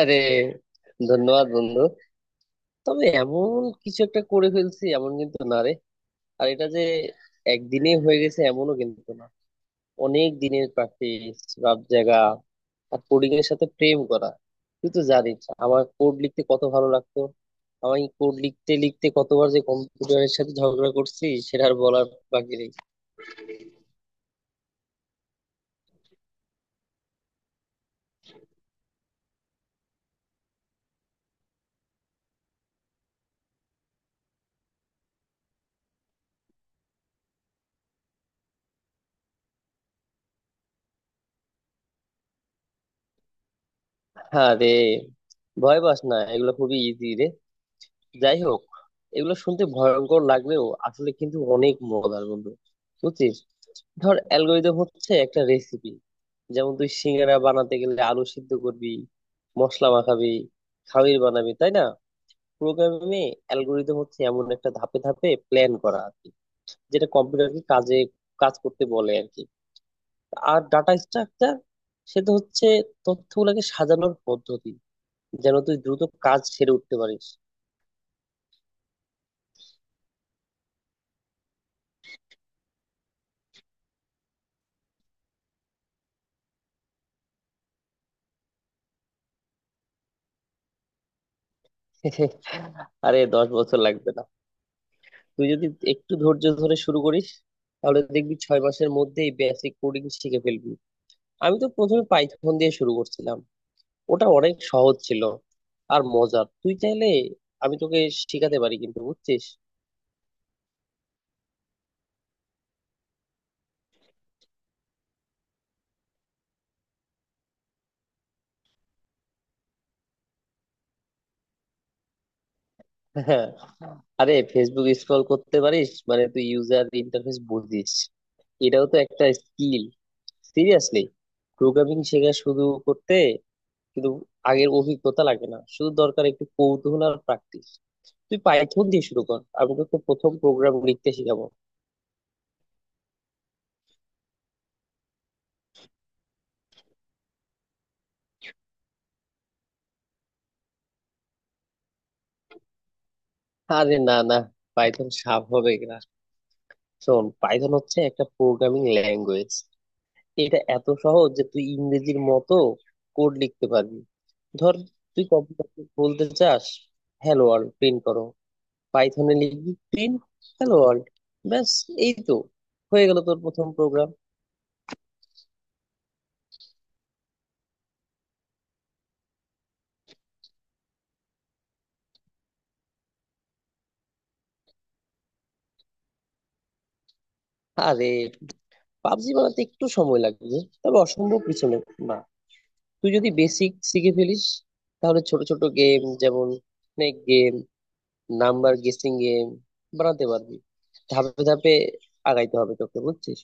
আরে, ধন্যবাদ বন্ধু। তবে এমন কিছু একটা করে ফেলছি এমন কিন্তু না রে। আর এটা যে একদিনে হয়ে গেছে এমনও কিন্তু না। অনেক দিনের প্র্যাকটিস, রাত জাগা, আর কোডিং এর সাথে প্রেম করা। তুই তো জানিস আমার কোড লিখতে কত ভালো লাগতো। আমি কোড লিখতে লিখতে কতবার যে কম্পিউটারের সাথে ঝগড়া করছি সেটা আর বলার বাকি নেই। হ্যাঁ রে, ভয় পাস না, এগুলো খুবই ইজি রে। যাই হোক, এগুলো শুনতে ভয়ঙ্কর লাগলেও আসলে কিন্তু অনেক মজার বন্ধু, বুঝছিস। ধর, অ্যালগরিদম হচ্ছে একটা রেসিপি। যেমন তুই সিঙ্গারা বানাতে গেলে আলু সিদ্ধ করবি, মশলা মাখাবি, খামির বানাবি, তাই না? প্রোগ্রামিং এ অ্যালগরিদম হচ্ছে এমন একটা ধাপে ধাপে প্ল্যান করা আর কি, যেটা কম্পিউটারকে কাজ করতে বলে আর কি। আর ডাটা স্ট্রাকচার সেটা হচ্ছে তথ্যগুলোকে সাজানোর পদ্ধতি, যেন তুই দ্রুত কাজ সেরে উঠতে পারিস। আরে, 10 বছর লাগবে না। তুই যদি একটু ধৈর্য ধরে শুরু করিস তাহলে দেখবি 6 মাসের মধ্যেই বেসিক কোডিং শিখে ফেলবি। আমি তো প্রথমে পাইথন দিয়ে শুরু করছিলাম, ওটা অনেক সহজ ছিল আর মজার। তুই চাইলে আমি তোকে শিখাতে পারি, কিন্তু বুঝছিস। হ্যাঁ, আরে ফেসবুক স্ক্রল করতে পারিস মানে তুই ইউজার ইন্টারফেস বুঝিস, এটাও তো একটা স্কিল। সিরিয়াসলি, প্রোগ্রামিং শেখা শুরু করতে কিন্তু আগের অভিজ্ঞতা লাগে না, শুধু দরকার একটু কৌতূহল আর প্র্যাকটিস। তুই পাইথন দিয়ে শুরু কর, আমি তোকে প্রথম প্রোগ্রাম লিখতে শিখাবো। আরে না না, পাইথন স্বাভাবিক না। শোন, পাইথন হচ্ছে একটা প্রোগ্রামিং ল্যাঙ্গুয়েজ। এটা এত সহজ যে তুই ইংরেজির মতো কোড লিখতে পারবি। ধর, তুই কম্পিউটার বলতে চাস হ্যালো ওয়ার্ল্ড প্রিন্ট করো, পাইথনে লিখবি প্রিন্ট হ্যালো ওয়ার্ল্ড, ব্যাস। এই তো হয়ে গেল তোর প্রথম প্রোগ্রাম। আরে, পাবজি বানাতে একটু সময় লাগবে, তবে অসম্ভব কিছু না। না। তুই যদি বেসিক শিখে ফেলিস তাহলে ছোট ছোট গেম যেমন snake game, number guessing game বানাতে পারবি। ধাপে ধাপে আগাইতে হবে তোকে, বুঝছিস।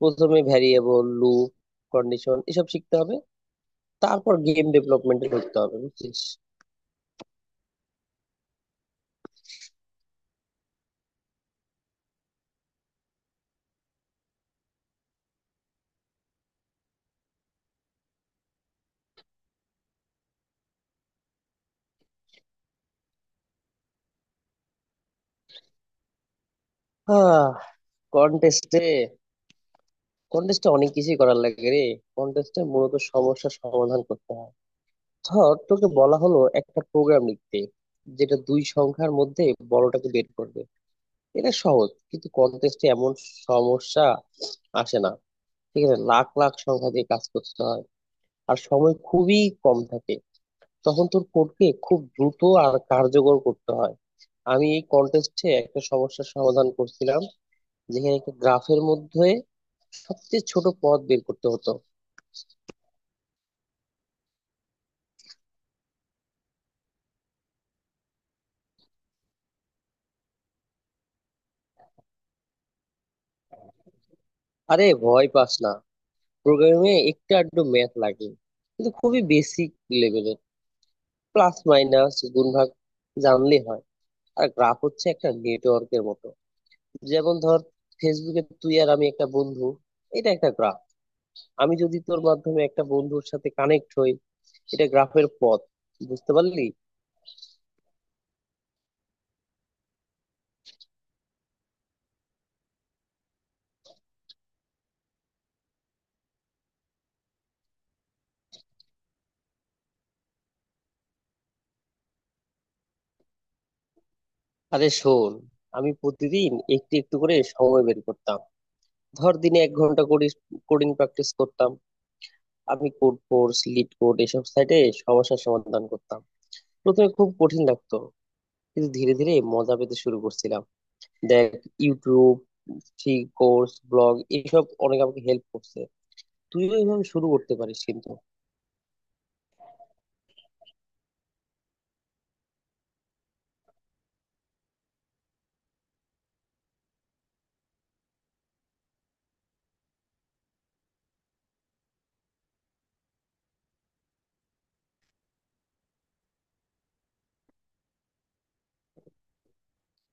প্রথমে ভ্যারিয়েবল, লুপ, কন্ডিশন এসব শিখতে হবে, তারপর গেম ডেভেলপমেন্টে ঢুকতে হবে, বুঝছিস। হ্যাঁ, কন্টেস্টে কন্টেস্টে অনেক কিছুই করার লাগে রে। কন্টেস্টে মূলত সমস্যার সমাধান করতে হয়। ধর, তোকে বলা হলো একটা প্রোগ্রাম লিখতে যেটা দুই সংখ্যার মধ্যে বড়টাকে বের করবে। এটা সহজ, কিন্তু কনটেস্টে এমন সমস্যা আসে না। ঠিক আছে, লাখ লাখ সংখ্যা দিয়ে কাজ করতে হয়, আর সময় খুবই কম থাকে। তখন তোর কোডকে খুব দ্রুত আর কার্যকর করতে হয়। আমি এই কন্টেস্টে একটা সমস্যার সমাধান করছিলাম, যেখানে একটা গ্রাফের মধ্যে সবচেয়ে ছোট পথ বের করতে হতো। আরে, ভয় পাস না, প্রোগ্রামিং এ একটু আধটু ম্যাথ লাগে, কিন্তু খুবই বেসিক লেভেলের। প্লাস মাইনাস গুণ ভাগ জানলে হয়। আর গ্রাফ হচ্ছে একটা নেটওয়ার্কের মতো। যেমন ধর, ফেসবুকে তুই আর আমি একটা বন্ধু, এটা একটা গ্রাফ। আমি যদি তোর মাধ্যমে একটা বন্ধুর সাথে কানেক্ট হই, এটা গ্রাফের পথ। বুঝতে পারলি? আরে শোন, আমি প্রতিদিন একটু একটু করে সময় বের করতাম। ধর, দিনে 1 ঘন্টা করে কোডিং প্র্যাকটিস করতাম। আমি কোড ফোর্স, লিড কোড এসব সাইটে সমস্যার সমাধান করতাম। প্রথমে খুব কঠিন লাগতো, কিন্তু ধীরে ধীরে মজা পেতে শুরু করছিলাম। দেখ, ইউটিউব, ফ্রি কোর্স, ব্লগ এইসব অনেক আমাকে হেল্প করছে। তুইও এইভাবে শুরু করতে পারিস কিন্তু।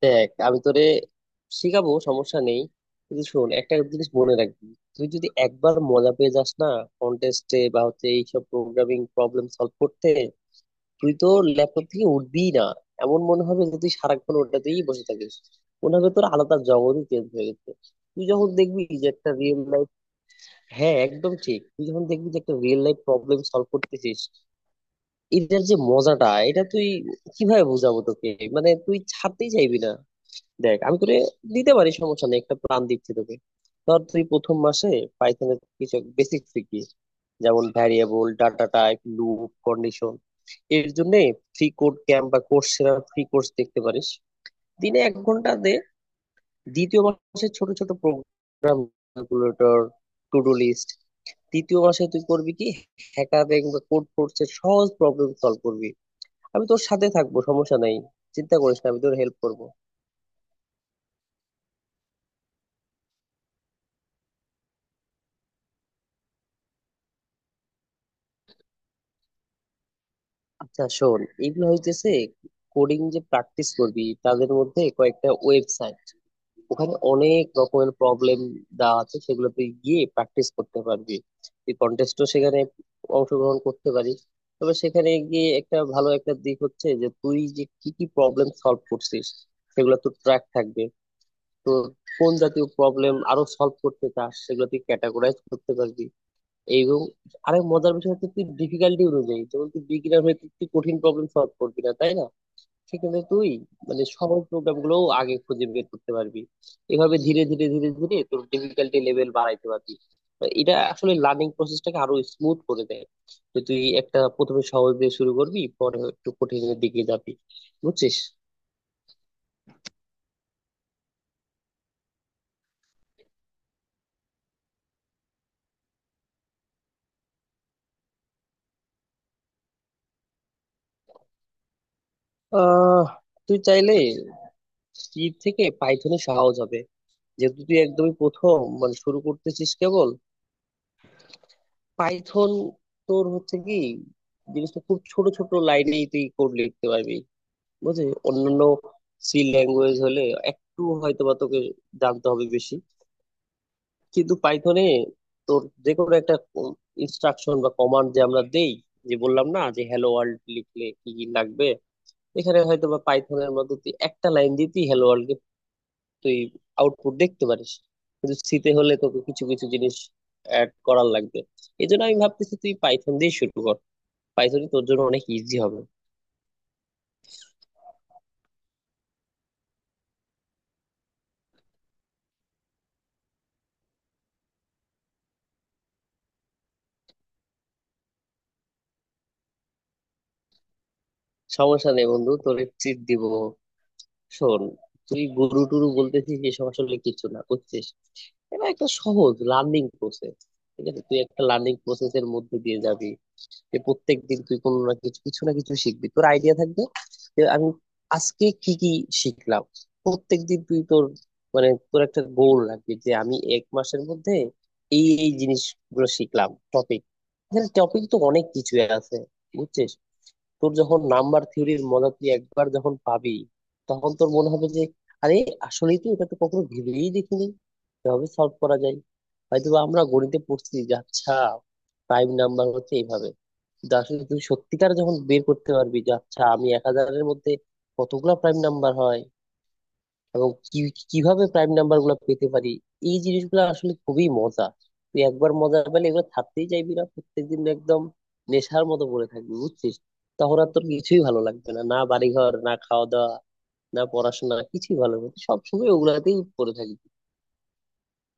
দেখ, আমি তোরে শিখাবো, সমস্যা নেই, কিন্তু শোন একটা জিনিস মনে রাখবি। তুই যদি একবার মজা পেয়ে যাস না, কন্টেস্টে বা হচ্ছে এইসব প্রোগ্রামিং প্রবলেম সলভ করতে, তুই তো ল্যাপটপ থেকে উঠবিই না। এমন মনে হবে যে তুই সারাক্ষণ ওটাতেই বসে থাকিস। মনে হবে তোর আলাদা জগতই চেঞ্জ হয়ে গেছে। তুই যখন দেখবি যে একটা রিয়েল, হ্যাঁ একদম ঠিক, তুই যখন দেখবি যে একটা রিয়েল লাইফ প্রবলেম সলভ করতেছিস, এটার যে মজাটা এটা তুই, কিভাবে বুঝাবো তোকে। মানে তুই ছাড়তেই চাইবি না। দেখ, আমি তোরে দিতে পারি, সমস্যা নেই, একটা প্ল্যান দিচ্ছি তোকে। ধর, তুই প্রথম মাসে পাইথনের কিছু বেসিক শিখবি, যেমন variable, data type, loop, condition. এর জন্য ফ্রি কোড ক্যাম্প বা কোর্সেরা ফ্রি কোর্স দেখতে পারিস। দিনে 1 ঘন্টা দে। দ্বিতীয় মাসে ছোট ছোট program, calculator, to do list. দ্বিতীয় মাসে তুই করবি কি, হ্যাকারিং বা কোড ফোর্সের সহজ প্রবলেম সলভ করবি। আমি তোর সাথে থাকবো, সমস্যা নাই। চিন্তা করিস না, আমি তোর হেল্প করব। আচ্ছা শোন, এগুলো হইতেছে কোডিং যে প্র্যাকটিস করবি তাদের মধ্যে কয়েকটা ওয়েবসাইট। ওখানে অনেক রকমের প্রবলেম দেওয়া আছে, সেগুলো তুই গিয়ে প্র্যাকটিস করতে পারবি। তুই কন্টেস্টও সেখানে অংশগ্রহণ করতে পারিস। তবে সেখানে গিয়ে একটা ভালো একটা দিক হচ্ছে যে তুই যে কি কি প্রবলেম সলভ করছিস সেগুলো তোর ট্র্যাক থাকবে। তো কোন জাতীয় প্রবলেম আরো সলভ করতে চাস সেগুলো তুই ক্যাটাগরাইজ করতে পারবি। এবং আরেক মজার বিষয় হচ্ছে তুই ডিফিকাল্টি অনুযায়ী, যেমন তুই বিগিনার হয়ে তুই তুই কঠিন প্রবলেম সলভ করবি না তাই না, সেক্ষেত্রে তুই মানে সহজ প্রবলেম গুলো আগে খুঁজে বের করতে পারবি। এভাবে ধীরে ধীরে তোর ডিফিকাল্টি লেভেল বাড়াইতে পারবি। তো এটা আসলে লার্নিং প্রসেসটাকে আরো স্মুথ করে দেয়, যে তুই একটা প্রথমে সহজ দিয়ে শুরু করবি, পরে একটু কঠিনের দিকে যাবি, বুঝছিস। আহ, তুই চাইলে সি থেকে পাইথনে সহজ হবে, যেহেতু তুই একদমই প্রথম মানে শুরু করতেছিস কেবল। পাইথন তোর হচ্ছে কি, জিনিসটা খুব ছোট ছোট লাইনেই তুই কোড লিখতে পারবি, বুঝলি। অন্যান্য সি ল্যাঙ্গুয়েজ হলে একটু হয়তো বা তোকে জানতে হবে বেশি, কিন্তু পাইথনে তোর যে কোনো একটা ইনস্ট্রাকশন বা কমান্ড যে আমরা দেই, যে বললাম না যে হ্যালো ওয়ার্ল্ড লিখলে কি কি লাগবে, এখানে হয়তো বা পাইথনের মধ্যে তুই একটা লাইন দিয়ে তুই হ্যালো ওয়ার্ল্ড তুই আউটপুট দেখতে পারিস। কিন্তু সিতে হলে তোকে কিছু কিছু জিনিস অ্যাড করার লাগবে। এই জন্য আমি ভাবতেছি তুই পাইথন দিয়ে শুরু কর, পাইথনই তোর জন্য অনেক ইজি হবে। সমস্যা নেই বন্ধু, তোর চিট দিব। শোন, তুই গুরু টুরু বলতেছিস, এসব আসলে কিছু না, বুঝছিস। এটা একটা সহজ লার্নিং প্রসেস। ঠিক আছে, তুই একটা লার্নিং প্রসেসের মধ্যে দিয়ে যাবি, যে প্রত্যেক দিন তুই কোনো না কিছু কিছু না কিছু শিখবি। তোর আইডিয়া থাকবে যে আমি আজকে কি কি শিখলাম। প্রত্যেক দিন তুই তোর, মানে তোর একটা গোল রাখবি যে আমি 1 মাসের মধ্যে এই এই জিনিসগুলো শিখলাম, টপিক। এখানে টপিক তো অনেক কিছুই আছে, বুঝছিস। তোর যখন নাম্বার থিওরির মজা তুই একবার যখন পাবি, তখন তোর মনে হবে যে আরে, আসলেই তো এটা তো কখনো ভেবেই দেখিনি এভাবে সলভ করা যায়। হয়তো বা আমরা গণিতে পড়ছি যে আচ্ছা প্রাইম নাম্বার হচ্ছে এইভাবে, কিন্তু আসলে তুই সত্যিকার যখন বের করতে পারবি যে আচ্ছা আমি 1,000 মধ্যে কতগুলা প্রাইম নাম্বার হয় এবং কি কিভাবে প্রাইম নাম্বার গুলো পেতে পারি, এই জিনিসগুলো আসলে খুবই মজা। তুই একবার মজা পেলে এগুলো ছাড়তেই চাইবি না, প্রত্যেকদিন একদম নেশার মতো পড়ে থাকবি, বুঝছিস। তখন আর তোর কিছুই ভালো লাগবে না, না বাড়িঘর, না খাওয়া দাওয়া, না পড়াশোনা, কিছুই ভালো লাগবে না। তুই সবসময় ওগুলাতেই পড়ে থাকবি।